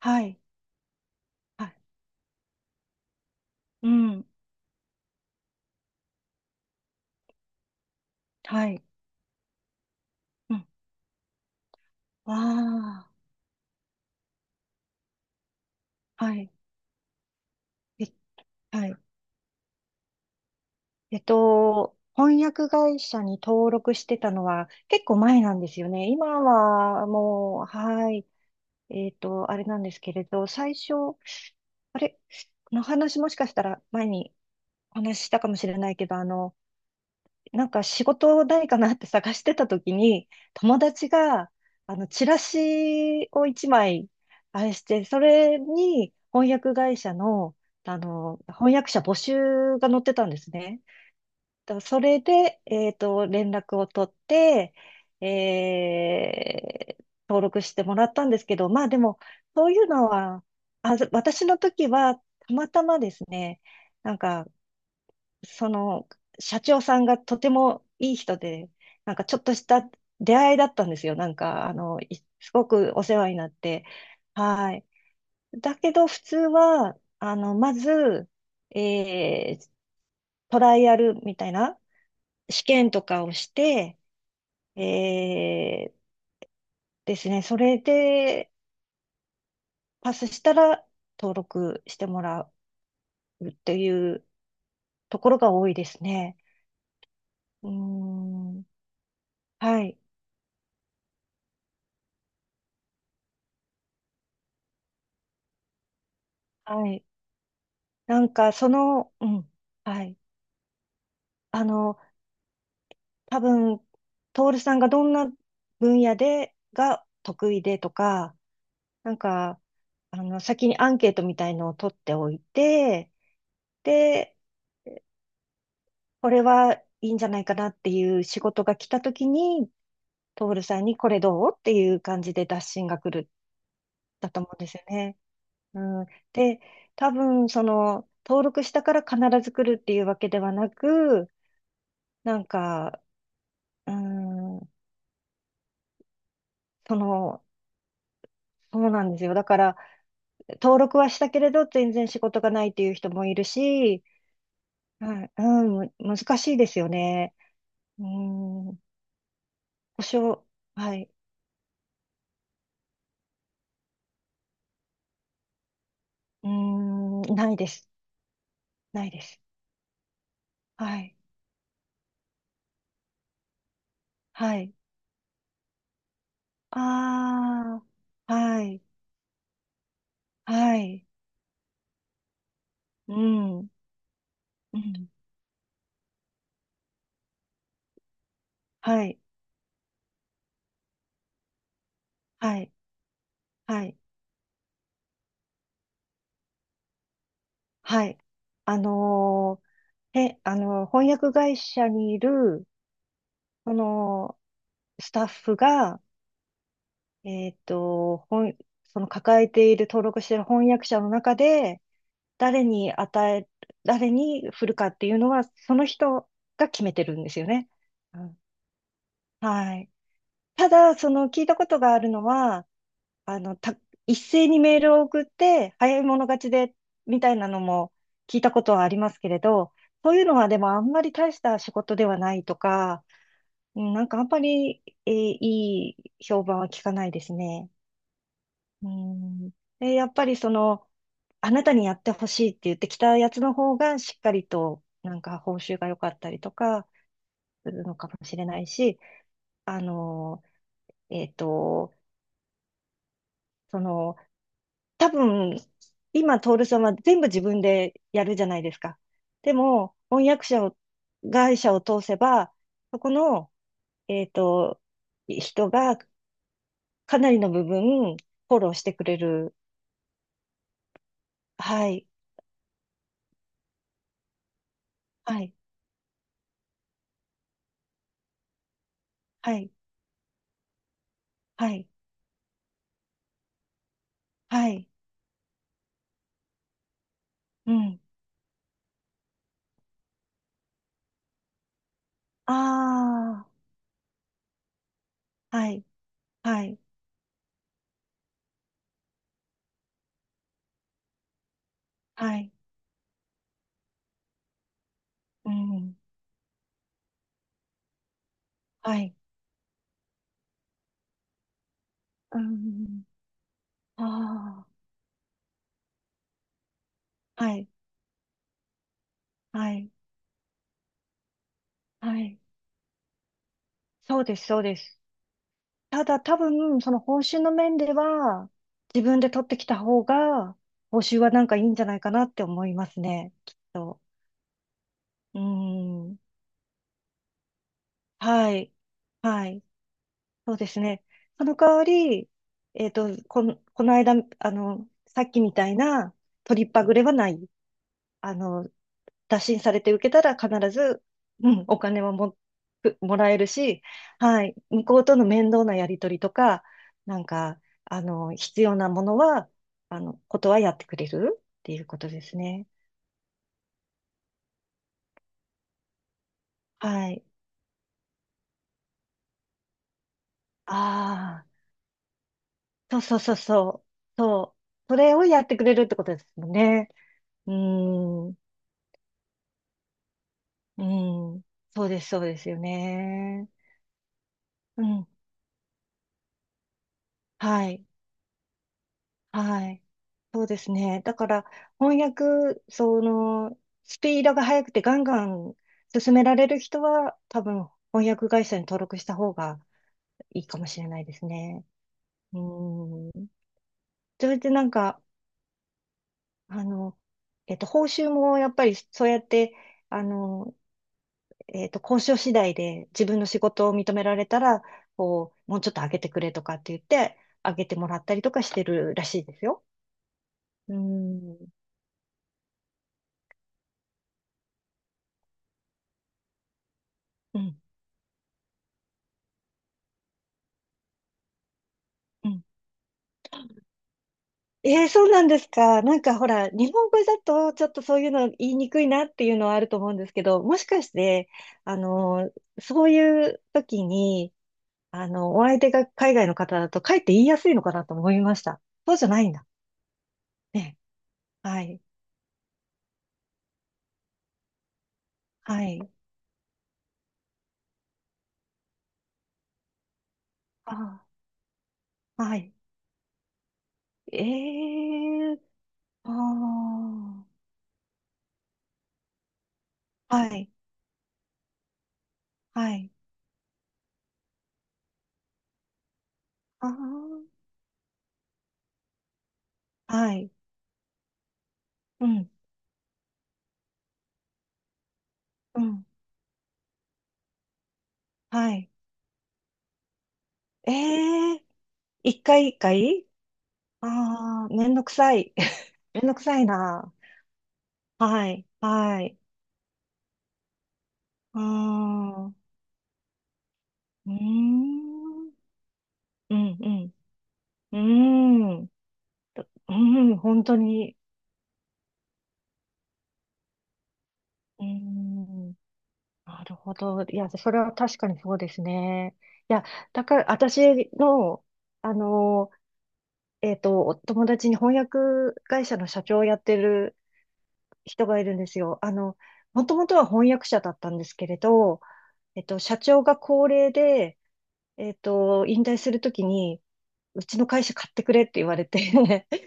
はい。はい。うん。はい。うん。わあ。はい。え、はい。翻訳会社に登録してたのは結構前なんですよね。今はもう、はい。あれなんですけれど、最初、あれ、この話もしかしたら前にお話ししたかもしれないけど、なんか仕事ないかなって 探してた時に、友達が、チラシを一枚、あれして、それに翻訳会社の、翻訳者募集が載ってたんですね。とそれで、連絡を取って、えー登録してもらったんですけど、まあでも、そういうのは、あ、私の時は、たまたまですね、なんか、その、社長さんがとてもいい人で、なんかちょっとした出会いだったんですよ。なんか、すごくお世話になって。はい。だけど、普通は、まず、えートライアルみたいな試験とかをして、えーですね、それでパスしたら登録してもらうっていうところが多いですね。うーん、はい、はい。なんか、その、うん、はい。あの、多分、徹さんがどんな分野で、が得意でとか、なんか、先にアンケートみたいのを取っておいて、で、これはいいんじゃないかなっていう仕事が来た時に、徹さんにこれどうっていう感じで打診が来る、だと思うんですよね。うん。で、多分、その、登録したから必ず来るっていうわけではなく、なんか、うんその、そうなんですよ。だから、登録はしたけれど、全然仕事がないっていう人もいるし、はい、うん、難しいですよね。うん、保証、はい、うん、ないです。ないです。はい、はい。ああ、はい、はい、うん、うん、はい、はい、はい、はい。あのー、えあのー、翻訳会社にいる、その、スタッフが、えっと、本、その抱えている、登録している翻訳者の中で、誰に与え、誰に振るかっていうのは、その人が決めてるんですよね。うん、はい。ただ、その聞いたことがあるのは、あの、た、一斉にメールを送って、早い者勝ちで、みたいなのも聞いたことはありますけれど、そういうのはでもあんまり大した仕事ではないとか、うんなんかあんまり、いい評判は聞かないですね。うん。え、やっぱりその、あなたにやってほしいって言ってきたやつの方がしっかりとなんか報酬が良かったりとかするのかもしれないし、あの、えっと、その、多分、今、徹さんは全部自分でやるじゃないですか。でも、翻訳者を、会社を通せば、そこの、えっと、人がかなりの部分、フォローしてくれる。はい、はい、はい、はい、はい。うん。ああ、はい、はい、はい、うん、はい、うん、ああ、はい、はい、はい。そうです、そうです。ただ多分、その報酬の面では、自分で取ってきた方が、報酬はなんかいいんじゃないかなって思いますね、きっと。うん、はい、はい、そうですね。その代わり、この間、さっきみたいな、取りっぱぐれはない。あの、打診されて受けたら必ず、うん、お金はも、もらえるし、はい、向こうとの面倒なやり取りとか、なんか、必要なものは、あの、ことはやってくれるっていうことですね。はい。ああ、そうそうそうそう。そう。それをやってくれるってことですもんね。うーん。うん。そうです、そうですよね。うん。はい。はい。そうですね。だから、翻訳、その、スピードが速くてガンガン進められる人は、多分、翻訳会社に登録した方がいいかもしれないですね。うん。それでなんか、あの、報酬もやっぱりそうやって、あの、交渉次第で自分の仕事を認められたら、こう、もうちょっと上げてくれとかって言って、上げてもらったりとかしてるらしいですよ。うん。うん。うんええそうなんですか。なんかほら、日本語だとちょっとそういうの言いにくいなっていうのはあると思うんですけど、もしかして、あのそういう時に、お相手が海外の方だと、かえって言いやすいのかなと思いました。そうじゃないんだ。ね。はい。はい。あー、はい。えー、あー、はい。はい。あー、はい。うん。うん。はい。えー、一回一回ああー、めんどくさい。めんどくさいな。はい、はい。うーん、うーん、うん、うん、うーん、うーん、本当に。うーん、なるほど。いや、それは確かにそうですね。いや、だから、私の、あの、お友達に翻訳会社の社長をやってる人がいるんですよ。もともとは翻訳者だったんですけれど、社長が高齢で、引退するときに、うちの会社買ってくれって言われて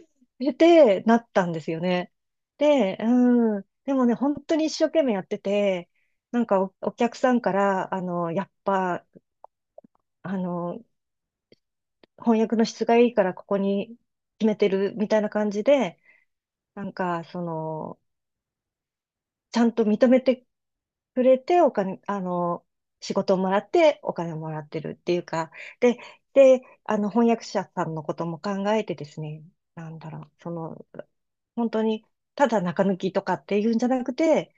で、なったんですよね。で、うん。でもね、本当に一生懸命やってて、なんかお客さんから、やっぱ、あの、翻訳の質がいいからここに決めてるみたいな感じで、なんか、その、ちゃんと認めてくれて、お金、あの、仕事をもらってお金をもらってるっていうか、で、で、翻訳者さんのことも考えてですね、なんだろう、その、本当に、ただ中抜きとかっていうんじゃなくて、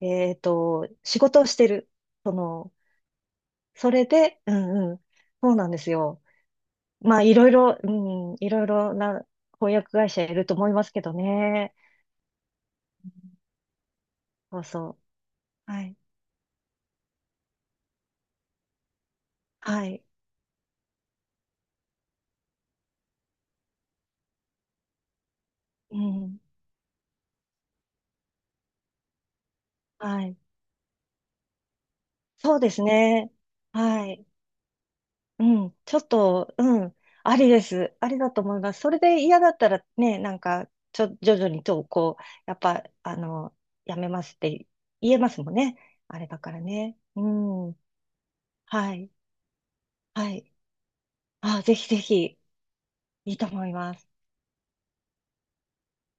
仕事をしてる。その、それで、うんうん、そうなんですよ。まあ、いろいろな翻訳会社いると思いますけどね。そうそう。はい。はい。うん。はい。そうですね。はい。うん、ちょっと、うん、ありです。ありだと思います。それで嫌だったらね、なんか、徐々にと、こう、やっぱ、やめますって言えますもんね。あれだからね。うん。はい。はい。あ、ぜひぜひ、いいと思います。